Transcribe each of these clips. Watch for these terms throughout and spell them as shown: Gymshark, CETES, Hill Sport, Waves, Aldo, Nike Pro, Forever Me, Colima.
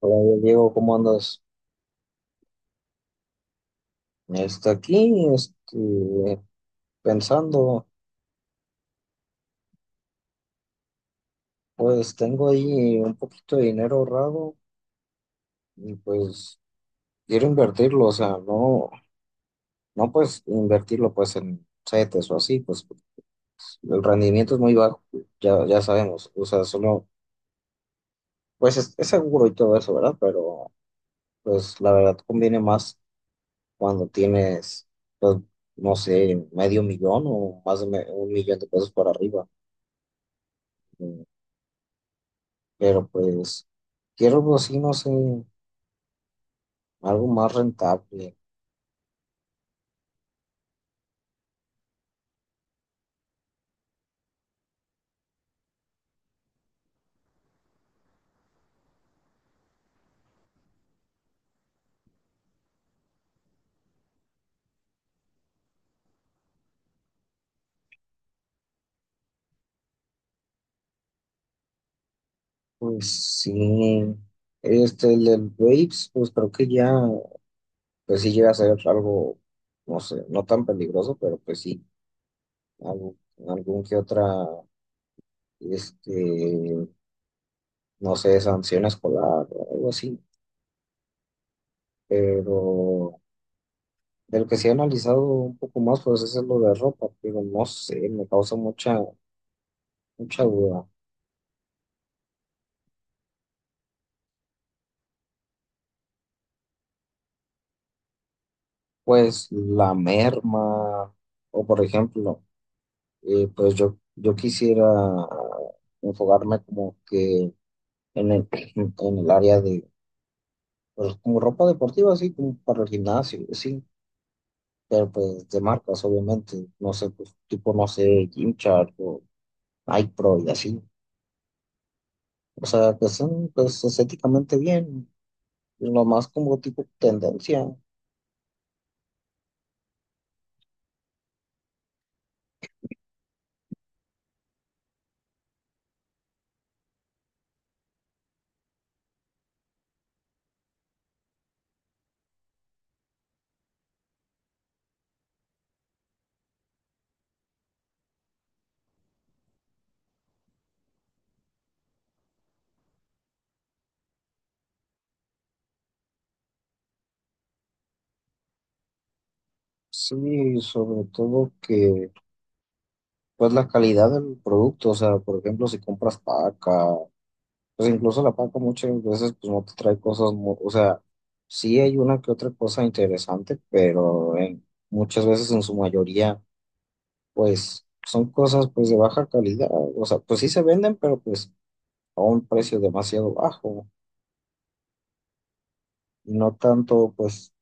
Hola Diego, ¿cómo andas? Está aquí, pensando. Pues tengo ahí un poquito de dinero ahorrado y pues quiero invertirlo. O sea, no, no pues invertirlo pues en CETES o así, pues el rendimiento es muy bajo. Ya, ya sabemos, o sea, solo, pues es seguro y todo eso, ¿verdad? Pero pues la verdad conviene más cuando tienes, pues, no sé, 1/2 millón o más de 1 millón de pesos para arriba. Pero pues quiero algo así, no sé, algo más rentable. Pues sí, el del Waves, pues creo que ya, pues sí llega a ser algo, no sé, no tan peligroso, pero pues sí, algo, algún que otra, este, no sé, sanción escolar o algo así. Pero del que sí he analizado un poco más, pues es lo de ropa, pero no sé, me causa mucha, mucha duda. Pues la merma, o por ejemplo, pues yo quisiera enfocarme como que en el área de, pues como ropa deportiva, así como para el gimnasio, sí, pero pues de marcas, obviamente, no sé, pues tipo, no sé, Gymshark o Nike Pro y así. O sea, que son pues estéticamente bien, lo más como tipo tendencia. Sí, sobre todo que pues la calidad del producto, o sea, por ejemplo, si compras paca, pues incluso la paca muchas veces pues no te trae cosas, o sea, sí hay una que otra cosa interesante, pero muchas veces en su mayoría pues son cosas pues de baja calidad. O sea, pues sí se venden, pero pues a un precio demasiado bajo, no tanto pues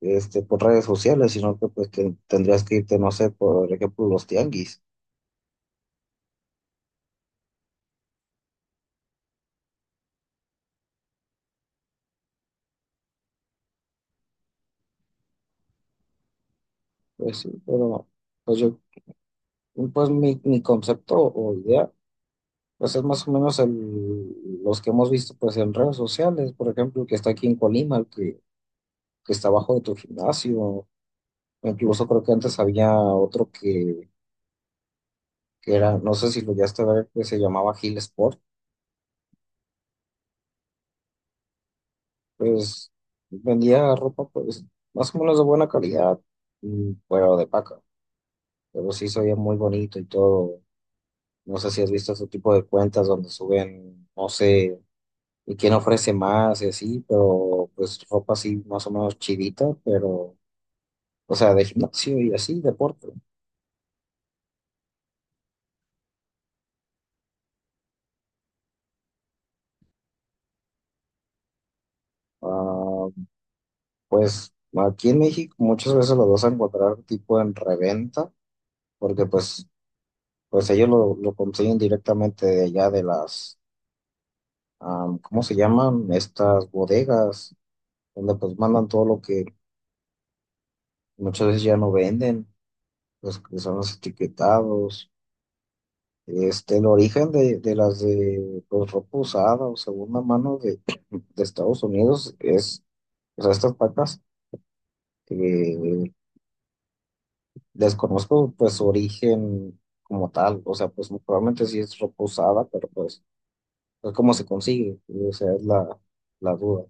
por redes sociales, sino que pues tendrías que irte, no sé, por ejemplo, los tianguis. Pues sí, pero... Pues yo, pues mi concepto o idea, pues es más o menos los que hemos visto pues en redes sociales. Por ejemplo, el que está aquí en Colima, que está abajo de tu gimnasio. Incluso creo que antes había otro que era, no sé si lo llegaste a ver, que se llamaba Hill Sport. Pues vendía ropa pues más o menos de buena calidad, mm, pero de paca, pero sí se veía muy bonito y todo. No sé si has visto ese tipo de cuentas donde suben, no sé, y quién ofrece más y así, pero pues ropa así más o menos chidita, pero o sea, de gimnasio y así, deporte. Ah, pues aquí en México muchas veces lo vas a encontrar tipo en reventa, porque pues, pues ellos lo consiguen directamente de allá de las, am, ¿cómo se llaman? Estas bodegas, donde pues mandan todo lo que muchas veces ya no venden, pues que son los etiquetados. El origen de las de pues ropa usada o segunda mano de Estados Unidos es, o sea, estas patas, eh, desconozco pues su origen como tal. O sea, pues probablemente sí es ropa usada, pero pues, pues cómo se consigue, o sea, es la, la duda.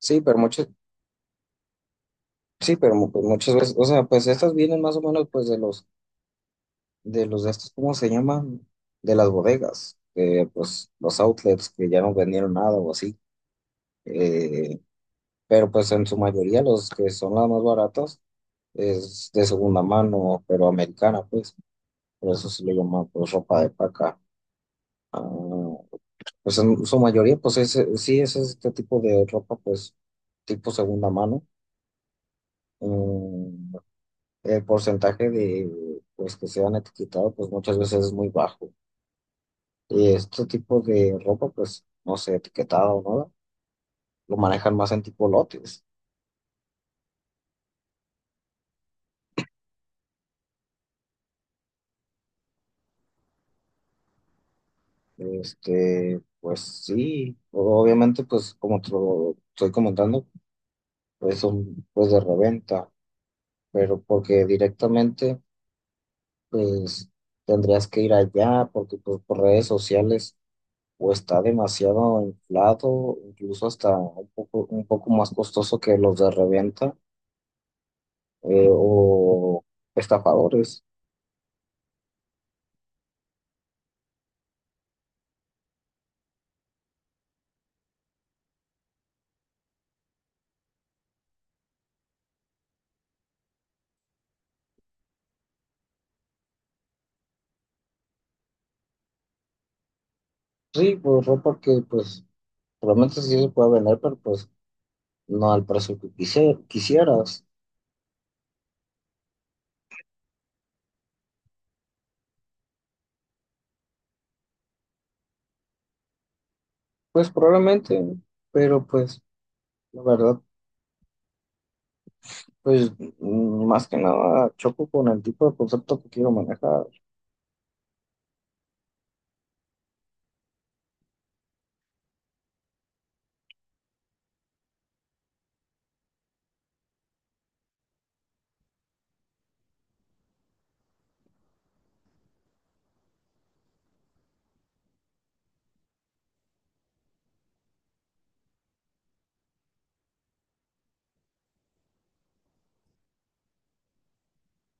Sí, pero muchas, sí, pero pues muchas veces, o sea, pues estas vienen más o menos pues de los de estos, ¿cómo se llaman? De las bodegas, pues los outlets que ya no vendieron nada o así, eh, pero pues en su mayoría los que son las más baratas es de segunda mano, pero americana, pues, por eso se le llama pues ropa de paca. Ah, pues en su mayoría, pues sí, es este tipo de ropa, pues tipo segunda mano. Mm, el porcentaje de, pues, que sean etiquetado pues muchas veces es muy bajo. Y este tipo de ropa, pues, no sé, etiquetado o nada, lo manejan más en tipo lotes. Pues sí, obviamente, pues, como te lo estoy comentando, pues son pues de reventa. Pero porque directamente pues tendrías que ir allá porque pues, por redes sociales o está demasiado inflado, incluso hasta un poco más costoso que los de reventa, o estafadores. Sí, pues ropa que pues probablemente sí se puede vender, pero pues no al precio que quisieras. Pues probablemente, pero pues la verdad, pues mm, más que nada choco con el tipo de concepto que quiero manejar.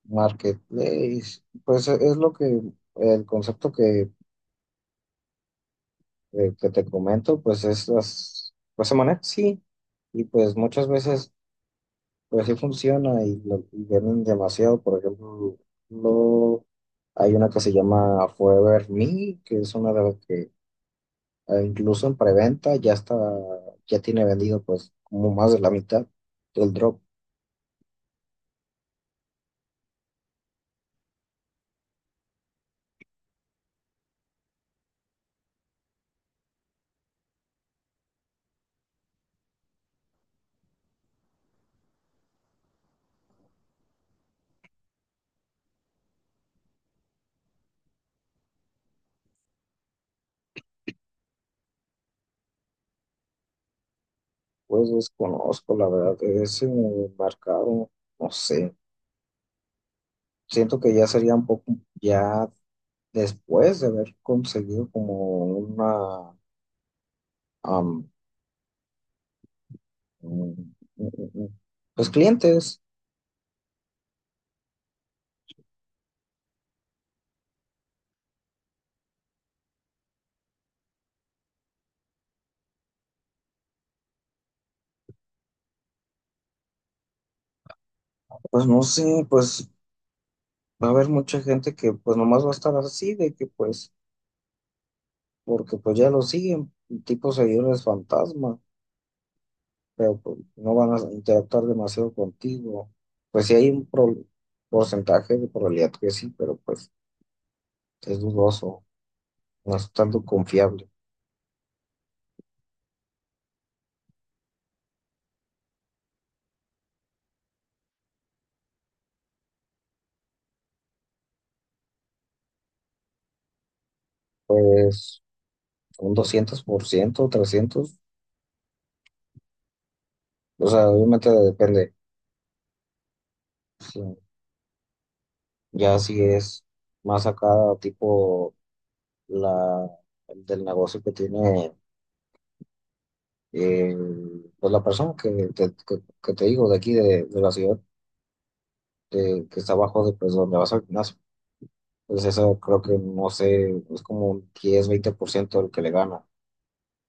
Marketplace, pues es lo que el concepto que te comento, pues es las, pues se maneja así, y pues muchas veces pues sí funciona y, y venden demasiado. Por ejemplo, lo, hay una que se llama Forever Me, que es una de las que, incluso en preventa ya está, ya tiene vendido pues como más de la mitad del drop. Pues desconozco la verdad ese mercado, no sé. Siento que ya sería un poco, ya después de haber conseguido como una, am, un- un- un- pues clientes. Pues no sé, pues va a haber mucha gente que pues nomás va a estar así de que pues, porque pues ya lo siguen, tipo seguidores fantasma, pero pues no van a interactuar demasiado contigo. Pues sí hay un porcentaje de probabilidad que sí, pero pues es dudoso, no es tanto confiable. Pues un 200%, 300%, o sea, obviamente depende. Sí. Ya si es más acá, tipo la del negocio que tiene, eh, pues la persona que te, que te digo de aquí de la ciudad, que está abajo de pues donde vas al gimnasio. Pues eso creo que no sé, es como un 10, 20% el que le gana,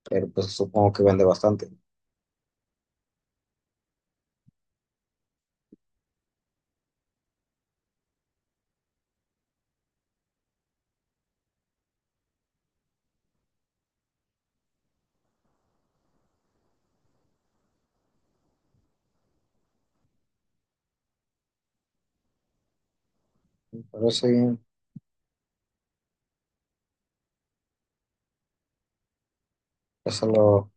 pero pues supongo que vende bastante. Pero sí, eso lo